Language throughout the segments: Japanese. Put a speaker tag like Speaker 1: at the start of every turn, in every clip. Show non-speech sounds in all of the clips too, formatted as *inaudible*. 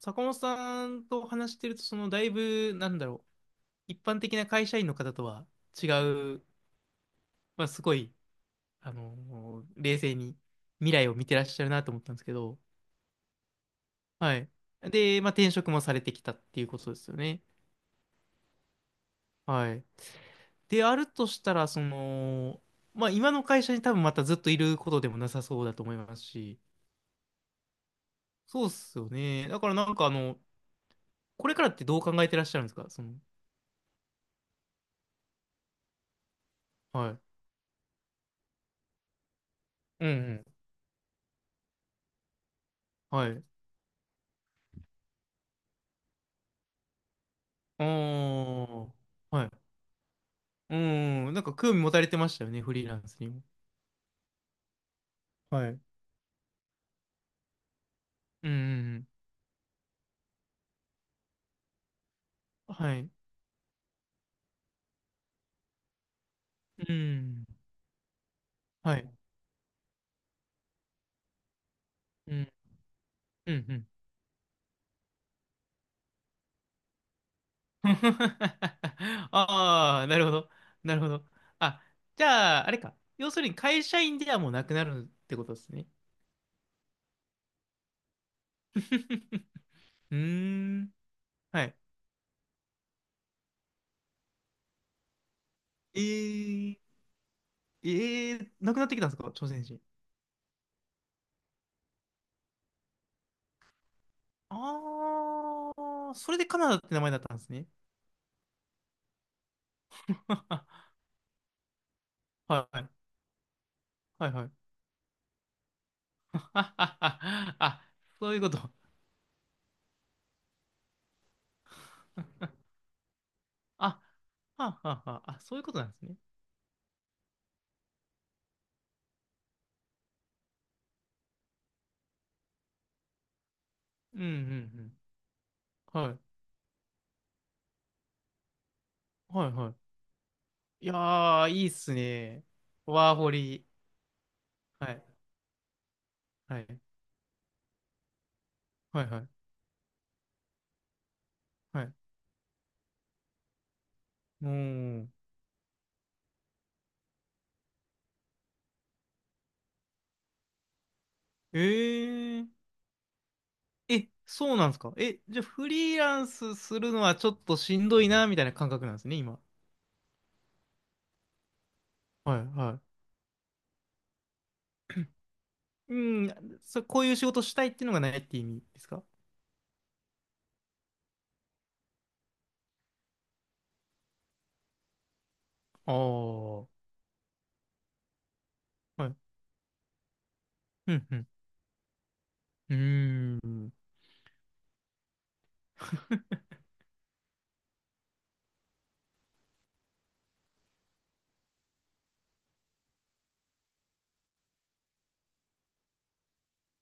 Speaker 1: 坂本さんと話してると、だいぶ、一般的な会社員の方とは違う、すごい、冷静に未来を見てらっしゃるなと思ったんですけど、はい。で、まあ、転職もされてきたっていうことですよね。はい。であるとしたら、今の会社に多分またずっといることでもなさそうだと思いますし、そうっすよね。だからなんかあの、これからってどう考えてらっしゃるんですか、その。はい。うんうん。はい。あー。はい。うん、なんか興味持たれてましたよね、フリーランスにも。はい。うんうん。うん、はい。うん、はい。うん、うん、うん。*laughs* ああ、なるほど。なるほど。あ、じゃあ、あれか。要するに会社員ではもうなくなるってことですね。*laughs* うーん、はい。えー、えー、なくなってきたんですか、朝鮮人。ああ、それでカナダって名前だったんですね。*laughs* はい、はい、はい。はい。 *laughs* あ、そういうこと。あ、はあ、はあ、はあ、あ、そういうことなんですね。うん、うん、うん。はい、はい、はい。いやー、いいっすね。ワーホリ。はい、はい、はい、はい、はい。うーん。えー、え、そうなんですか。え、じゃあフリーランスするのはちょっとしんどいな、みたいな感覚なんですね、今。はい、はい。うん、こういう仕事したいっていうのがないって意味ですか。ああー、はい。うん、うん。うーん。*laughs*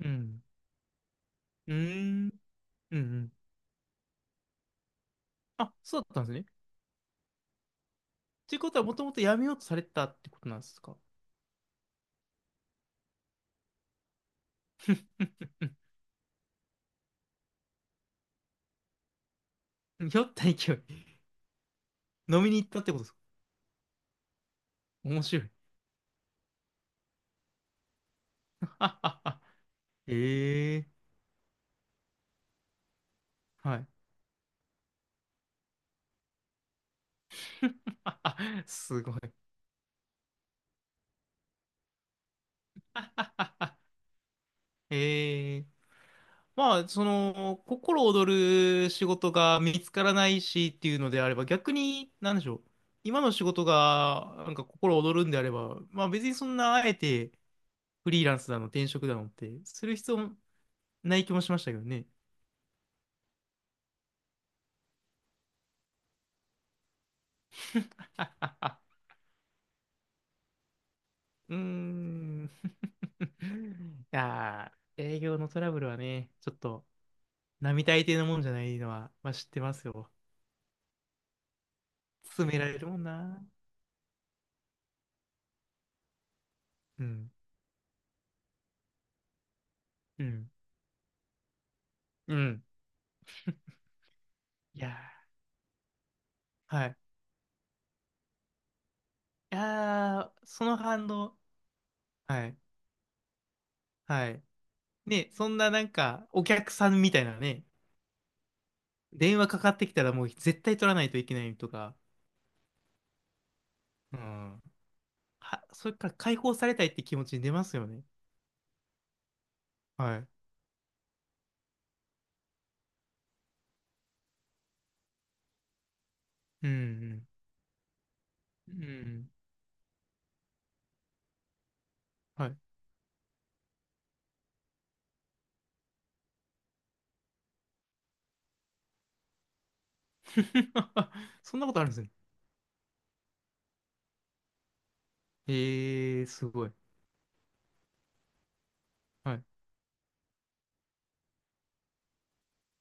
Speaker 1: うん。うーん。うんうん。あ、そうだったんですね。ということは、もともとやめようとされてたってことなんですか。 *laughs* 酔った勢い。飲みに行ったってことですか。面白い。*laughs* ええ。はい。*laughs* すごい。ええ、まあ、その、心躍る仕事が見つからないしっていうのであれば、逆に、なんでしょう。今の仕事が、なんか心躍るんであれば、別にそんな、あえて、フリーランスだの、転職だのってする必要ない気もしましたけどね。*laughs* うーん。いやー、営業のトラブルはね、ちょっと並大抵のもんじゃないのは、まあ、知ってますよ。詰められるもんな。うん、うん、うん。いやー、はい。いやー、その反応。はい、はい。ね、そんななんか、お客さんみたいなね、電話かかってきたらもう絶対取らないといけないとか、うん。は、それから解放されたいって気持ちに出ますよね。はい。うん、うん、うん。はい。*laughs* そんなことあるんですね。ええー、すごい。はい。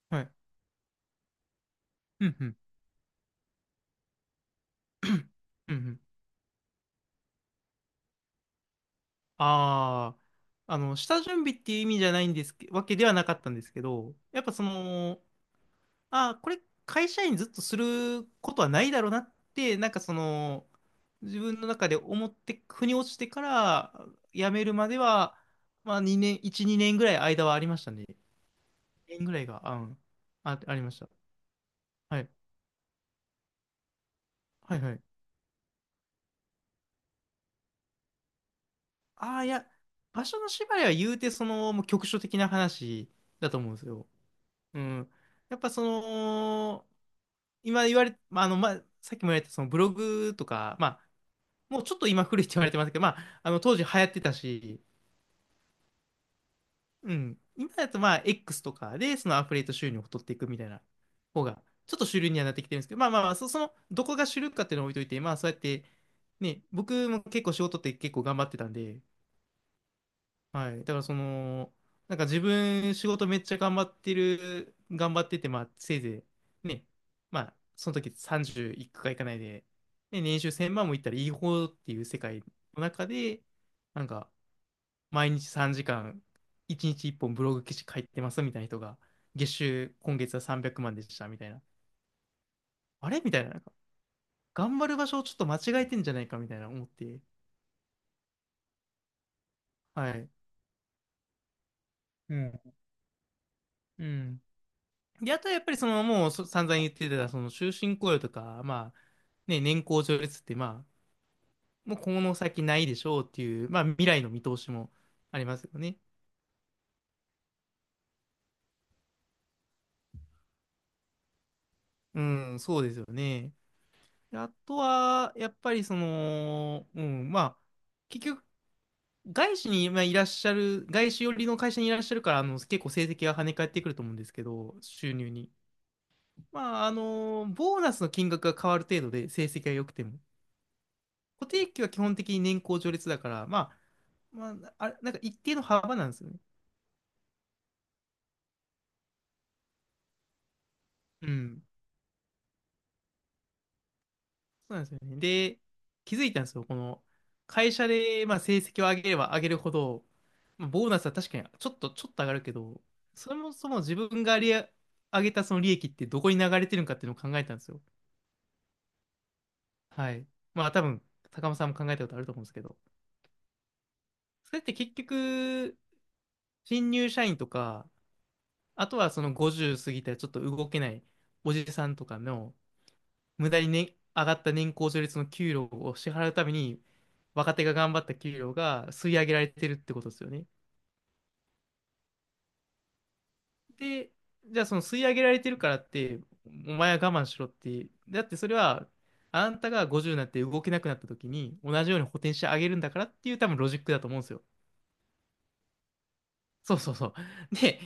Speaker 1: はい。うんうん。*clears throat* うんうん。ああ、下準備っていう意味じゃないんですけ、わけではなかったんですけど、やっぱその、ああ、これ会社員ずっとすることはないだろうなって、なんかその、自分の中で思って、腑に落ちてから辞めるまでは、まあ2年、1、2年ぐらい間はありましたね。2年ぐらいが、あ、うん、あ、ありました。はい。はいはい。ああ、いや、場所の縛りは言うて、その、もう局所的な話だと思うんですよ。うん。やっぱその、今言われ、さっきも言われたそのブログとか、もうちょっと今古いって言われてますけど、当時流行ってたし、うん。今だとまあ、X とかで、そのアフィリエイト収入を取っていくみたいな方が、ちょっと主流にはなってきてるんですけど、どこが主流かっていうのを置いといて、まあ、そうやって、ね、僕も結構仕事って結構頑張ってたんで、はい。だからその、なんか自分仕事めっちゃ頑張ってる、頑張ってて、まあせいぜいね、まあその時30いくかいかないで、ね、年収1000万もいったらいい方っていう世界の中で、なんか毎日3時間、1日1本ブログ記事書いてますみたいな人が、月収今月は300万でしたみたいな。あれみたいな、なんか頑張る場所をちょっと間違えてんじゃないかみたいな思って、はい。うん。うん。で、あとはやっぱりそのもうそ散々言ってたその終身雇用とか、まあね、年功序列ってまあもうこの先ないでしょうっていう、まあ未来の見通しもありますよね。うん、そうですよね。であとはやっぱりその、うん、結局外資にいらっしゃる、外資寄りの会社にいらっしゃるから、あの結構成績が跳ね返ってくると思うんですけど、収入に。まああの、ボーナスの金額が変わる程度で成績が良くても。固定給は基本的に年功序列だから、あれ、なんか一定の幅なんですよね。うん。そうなんですよね。で、気づいたんですよ。この会社で、まあ、成績を上げれば上げるほど、まあボーナスは確かにちょっと上がるけど、そもそも自分が利上げたその利益ってどこに流れてるのかっていうのを考えたんですよ。はい。まあ、多分、高間さんも考えたことあると思うんですけど。それって結局、新入社員とか、あとはその50過ぎたらちょっと動けないおじさんとかの、無駄にね、上がった年功序列の給料を支払うために、若手が頑張った給料が吸い上げられてるってことですよね。で、じゃあその吸い上げられてるからって、お前は我慢しろって、だってそれは、あんたが50になって動けなくなった時に、同じように補填してあげるんだからっていう多分ロジックだと思うんですよ。そうそうそう。で、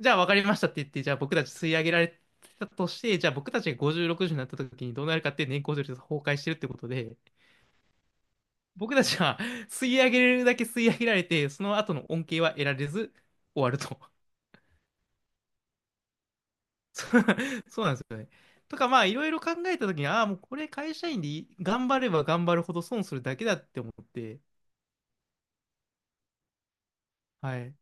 Speaker 1: じゃあ分かりましたって言って、じゃあ僕たち吸い上げられてたとして、じゃあ僕たちが50、60になった時にどうなるかっていう、年功序列が崩壊してるってことで、僕たちは吸い上げれるだけ吸い上げられて、その後の恩恵は得られず終わると。*laughs* そうそうなんですよね。とか、まあ、いろいろ考えたときに、ああ、もうこれ会社員でいい頑張れば頑張るほど損するだけだって思って、はい。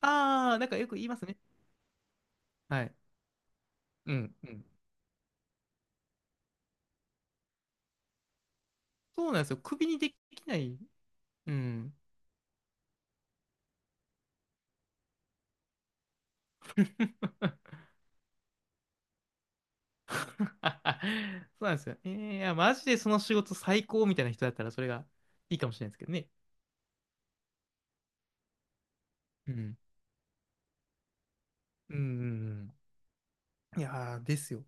Speaker 1: ああ、なんかよく言いますね。はい。うん、うん。そうなんですよ。首にできない。うん。*laughs* そうなんですよ。えー、いや、マジでその仕事最高みたいな人だったら、それがいいかもしれないですけどね。うん。うん、うんうん。いやー、ですよ。